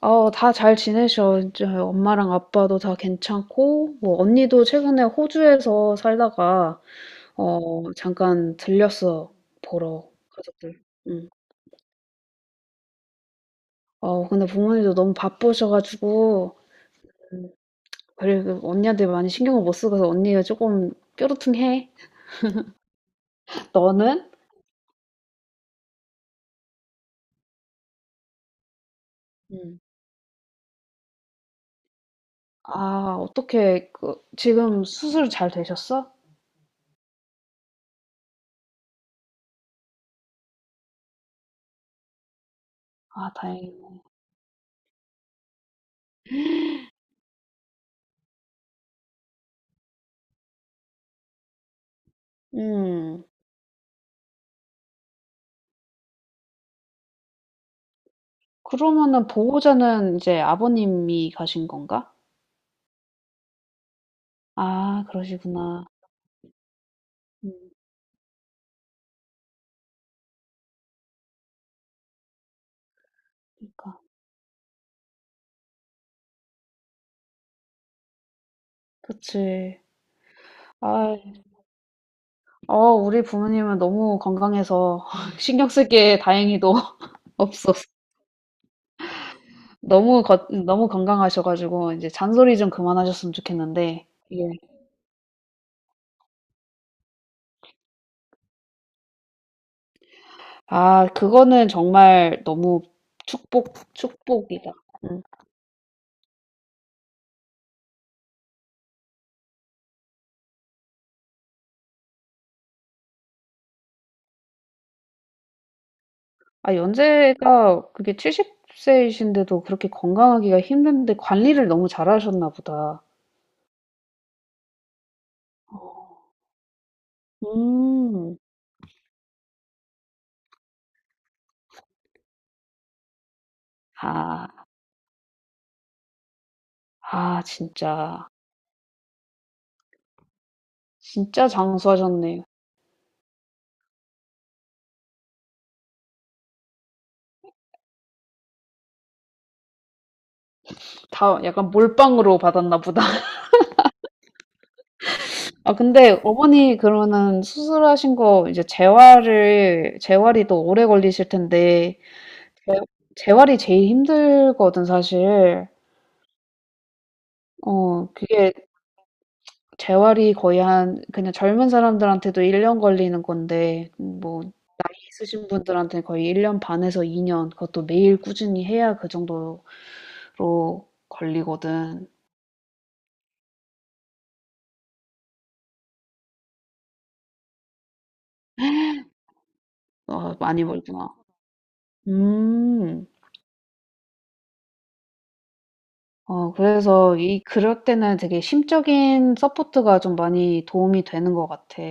어, 다 잘 지내셔. 이제 엄마랑 아빠도 다 괜찮고, 뭐, 언니도 최근에 호주에서 살다가, 어, 잠깐 들렸어. 보러, 가족들. 응. 어, 근데 부모님도 너무 바쁘셔가지고, 음, 그리고 언니한테 많이 신경을 못 쓰고 서 언니가 조금 뾰루퉁해. 너는? 응. 아, 어떻게, 그, 지금 수술 잘 되셨어? 아, 다행이네. 음, 그러면은 보호자는 이제 아버님이 가신 건가? 아 그러시구나. 음. 그니까. 그치. 아. 어 우리 부모님은 너무 건강해서 신경 쓸게 다행히도 없었어. 너무 건강하셔 가지고 이제 잔소리 좀 그만하셨으면 좋겠는데 예. 아 그거는 정말 너무 축복, 축복이다. 음. 아 연세가 그게 70 세이신데도 그렇게 건강하기가 힘든데 관리를 너무 잘하셨나 보다. 음. 아. 아 진짜. 진짜 장수하셨네. 다 약간 몰빵으로 받았나 보다. 아, 근데 어머니 그러면은 수술하신 거 이제 재활을, 재활이 또 오래 걸리실 텐데, 재- 재활이 제일 힘들거든, 사실. 어, 그게 재활이 거의 한, 그냥 젊은 사람들한테도 1년 걸리는 건데, 뭐, 있으신 분들한테는 거의 1년 반에서 2년, 그것도 매일 꾸준히 해야 그 정도로 걸리거든. 어, 많이 걸리구나. 음. 어 그래서 이 그럴 때는 되게 심적인 서포트가 좀 많이 도움이 되는 것 같아.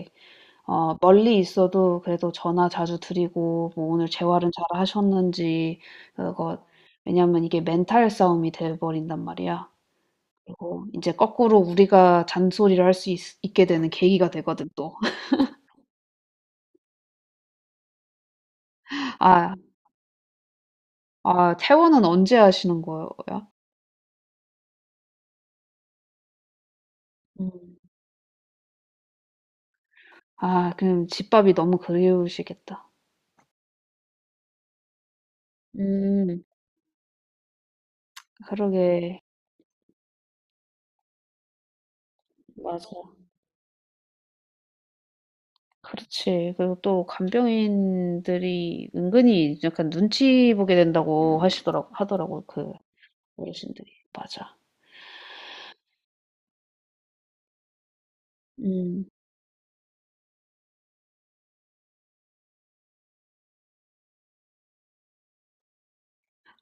어 멀리 있어도 그래도 전화 자주 드리고 뭐 오늘 재활은 잘 하셨는지 그거 왜냐면 이게 멘탈 싸움이 돼 버린단 말이야. 그리고 이제 거꾸로 우리가 잔소리를 할 수 있 있게 되는 계기가 되거든 또. "아 아 퇴원은 언제 하시는 거야?" 음. 아 그럼 집밥이 너무 그리우시겠다. 음. 그러게. 맞아. 그렇지. 그리고 또 간병인들이 은근히 약간 눈치 보게 된다고 하더라고, 그 어르신들이. 맞아. 음.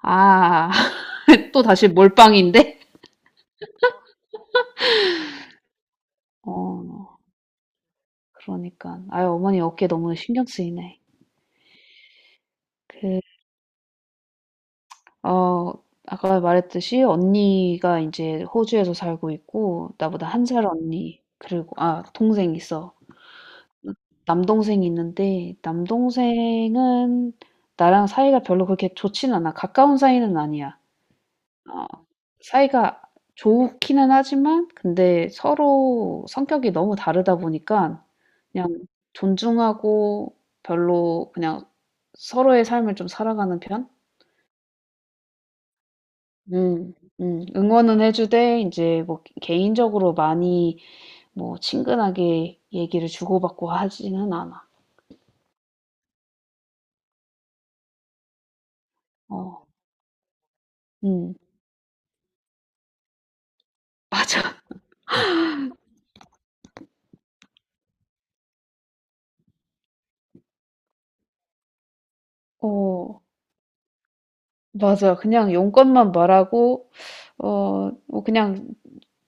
아, 또 다시 몰빵인데? 어, 그러니까. 아유, 어머니 어깨 너무 신경 쓰이네. 그, 어, 아까 말했듯이 언니가 이제 호주에서 살고 있고, 나보다 한 살 언니, 그리고, 아, 동생 있어. 남동생이 있는데 남동생은 나랑 사이가 별로 그렇게 좋진 않아. 가까운 사이는 아니야. 어, 사이가 좋기는 하지만 근데 서로 성격이 너무 다르다 보니까 그냥 존중하고 별로 그냥 서로의 삶을 좀 살아가는 편? 음, 응원은 해주되 이제 뭐 개인적으로 많이 뭐 친근하게 얘기를 주고받고 하지는 않아. 어, 음, 맞아. 어, 맞아. 그냥 용건만 말하고, 어, 뭐 그냥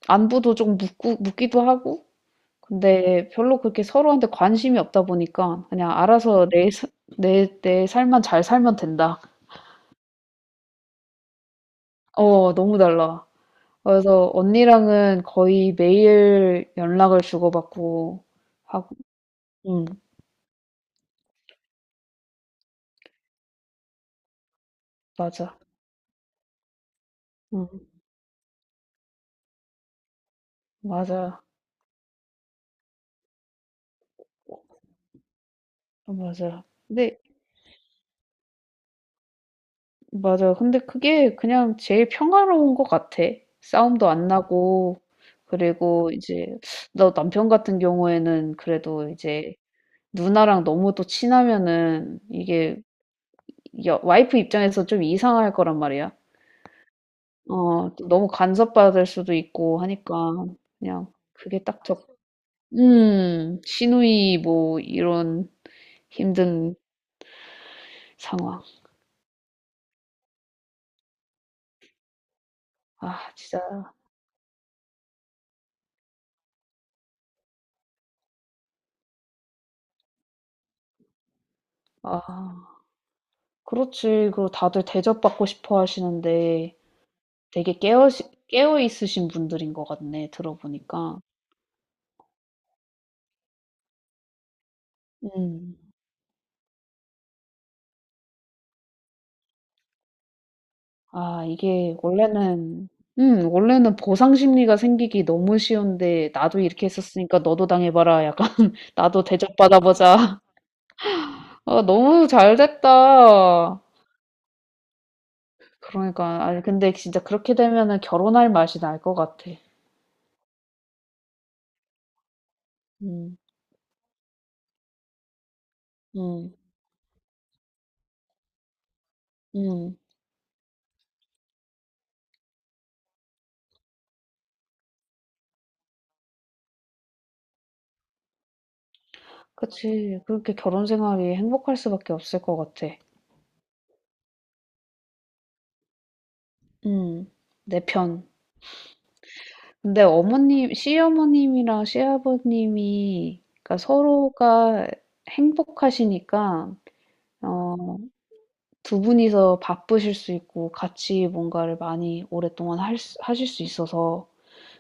안부도 좀 묻고, 묻기도 하고, 근데 별로 그렇게 서로한테 관심이 없다 보니까 그냥 알아서 내, 내 삶만 잘 살면 된다. 어, 너무 달라. 그래서 언니랑은 거의 매일 연락을 주고받고 하고, 응, 맞아. 응, 맞아. 맞아. 근데 맞아. 근데 그게 그냥 제일 평화로운 것 같아. 싸움도 안 나고, 그리고 이제, 너 남편 같은 경우에는 그래도 이제 누나랑 너무 또 친하면은 이게 여, 와이프 입장에서 좀 이상할 거란 말이야. 어, 또 너무 간섭받을 수도 있고 하니까 그냥 그게 딱 적, 시누이 뭐 이런 힘든 상황. 아, 진짜. 아, 그렇지. 그리고 다들 대접받고 싶어 하시는데. 되게 깨어 있으신 분들인 것 같네 들어보니까. 음. 아 이게 원래는 원래는 보상 심리가 생기기 너무 쉬운데 "나도 이렇게 했었으니까 너도 당해봐라." 약간 "나도 대접받아보자." 아 너무 잘 됐다. 그러니까 아니 근데 진짜 그렇게 되면은 결혼할 맛이 날 것 같아. 음. 음. 음. 그치. 그렇게 결혼 생활이 행복할 수밖에 없을 것 같아. 음. 내 편. 근데 어머님, 시어머님이랑 시아버님이 그러니까 서로가 행복하시니까 어, 두 분이서 바쁘실 수 있고 같이 뭔가를 많이 오랫동안 하실 수 있어서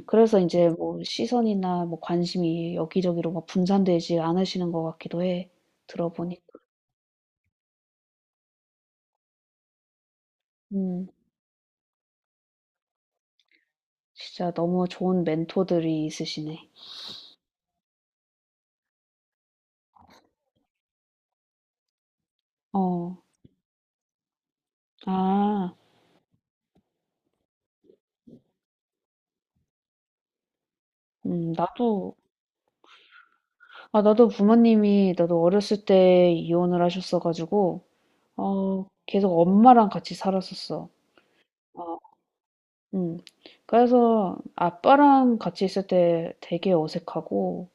그래서 이제 뭐 시선이나 뭐 관심이 여기저기로 막 분산되지 않으시는 것 같기도 해. 들어보니까. 음. 진짜 너무 좋은 멘토들이 있으시네. 어. 아. 나도 아, 나도 부모님이, 나도 어렸을 때 이혼을 하셨어가지고, 어, 계속 엄마랑 같이 살았었어. 어, 음. 그래서 아빠랑 같이 있을 때 되게 어색하고,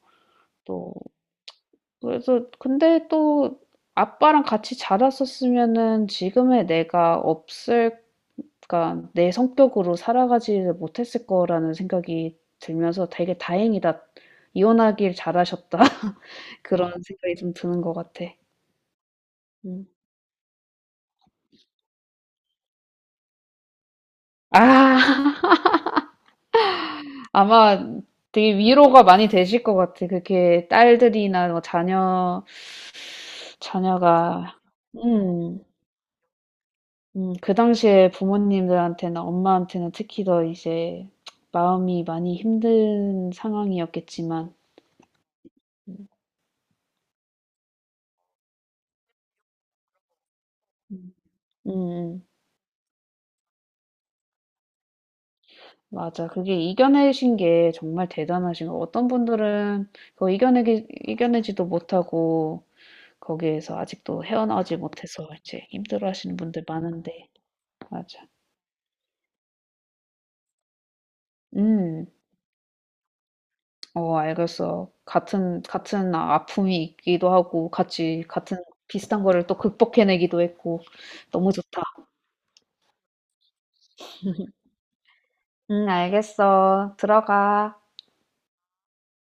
또, 그래서, 근데 또 아빠랑 같이 자랐었으면은 지금의 내가 없을, 그러니까 내 성격으로 살아가지 못했을 거라는 생각이 들면서 되게 다행이다. 이혼하길 잘하셨다. 그런 생각이 좀 드는 것 같아. 음. 아, 아마 되게 위로가 많이 되실 것 같아. 그렇게 딸들이나 뭐 자녀, 자녀가, 음, 그 당시에 부모님들한테나 엄마한테는 특히 더 이제 마음이 많이 힘든 상황이었겠지만, 음, 음, 음. 맞아. 그게 이겨내신 게 정말 대단하신 거. 어떤 분들은 그거 이겨내지도 못하고, 거기에서 아직도 헤어나오지 못해서 이제 힘들어 하시는 분들 많은데, 맞아. 음. 어 알겠어. 같은 아픔이 있기도 하고 같이 같은 비슷한 거를 또 극복해 내기도 했고 너무 좋다. 응 알겠어. 들어가.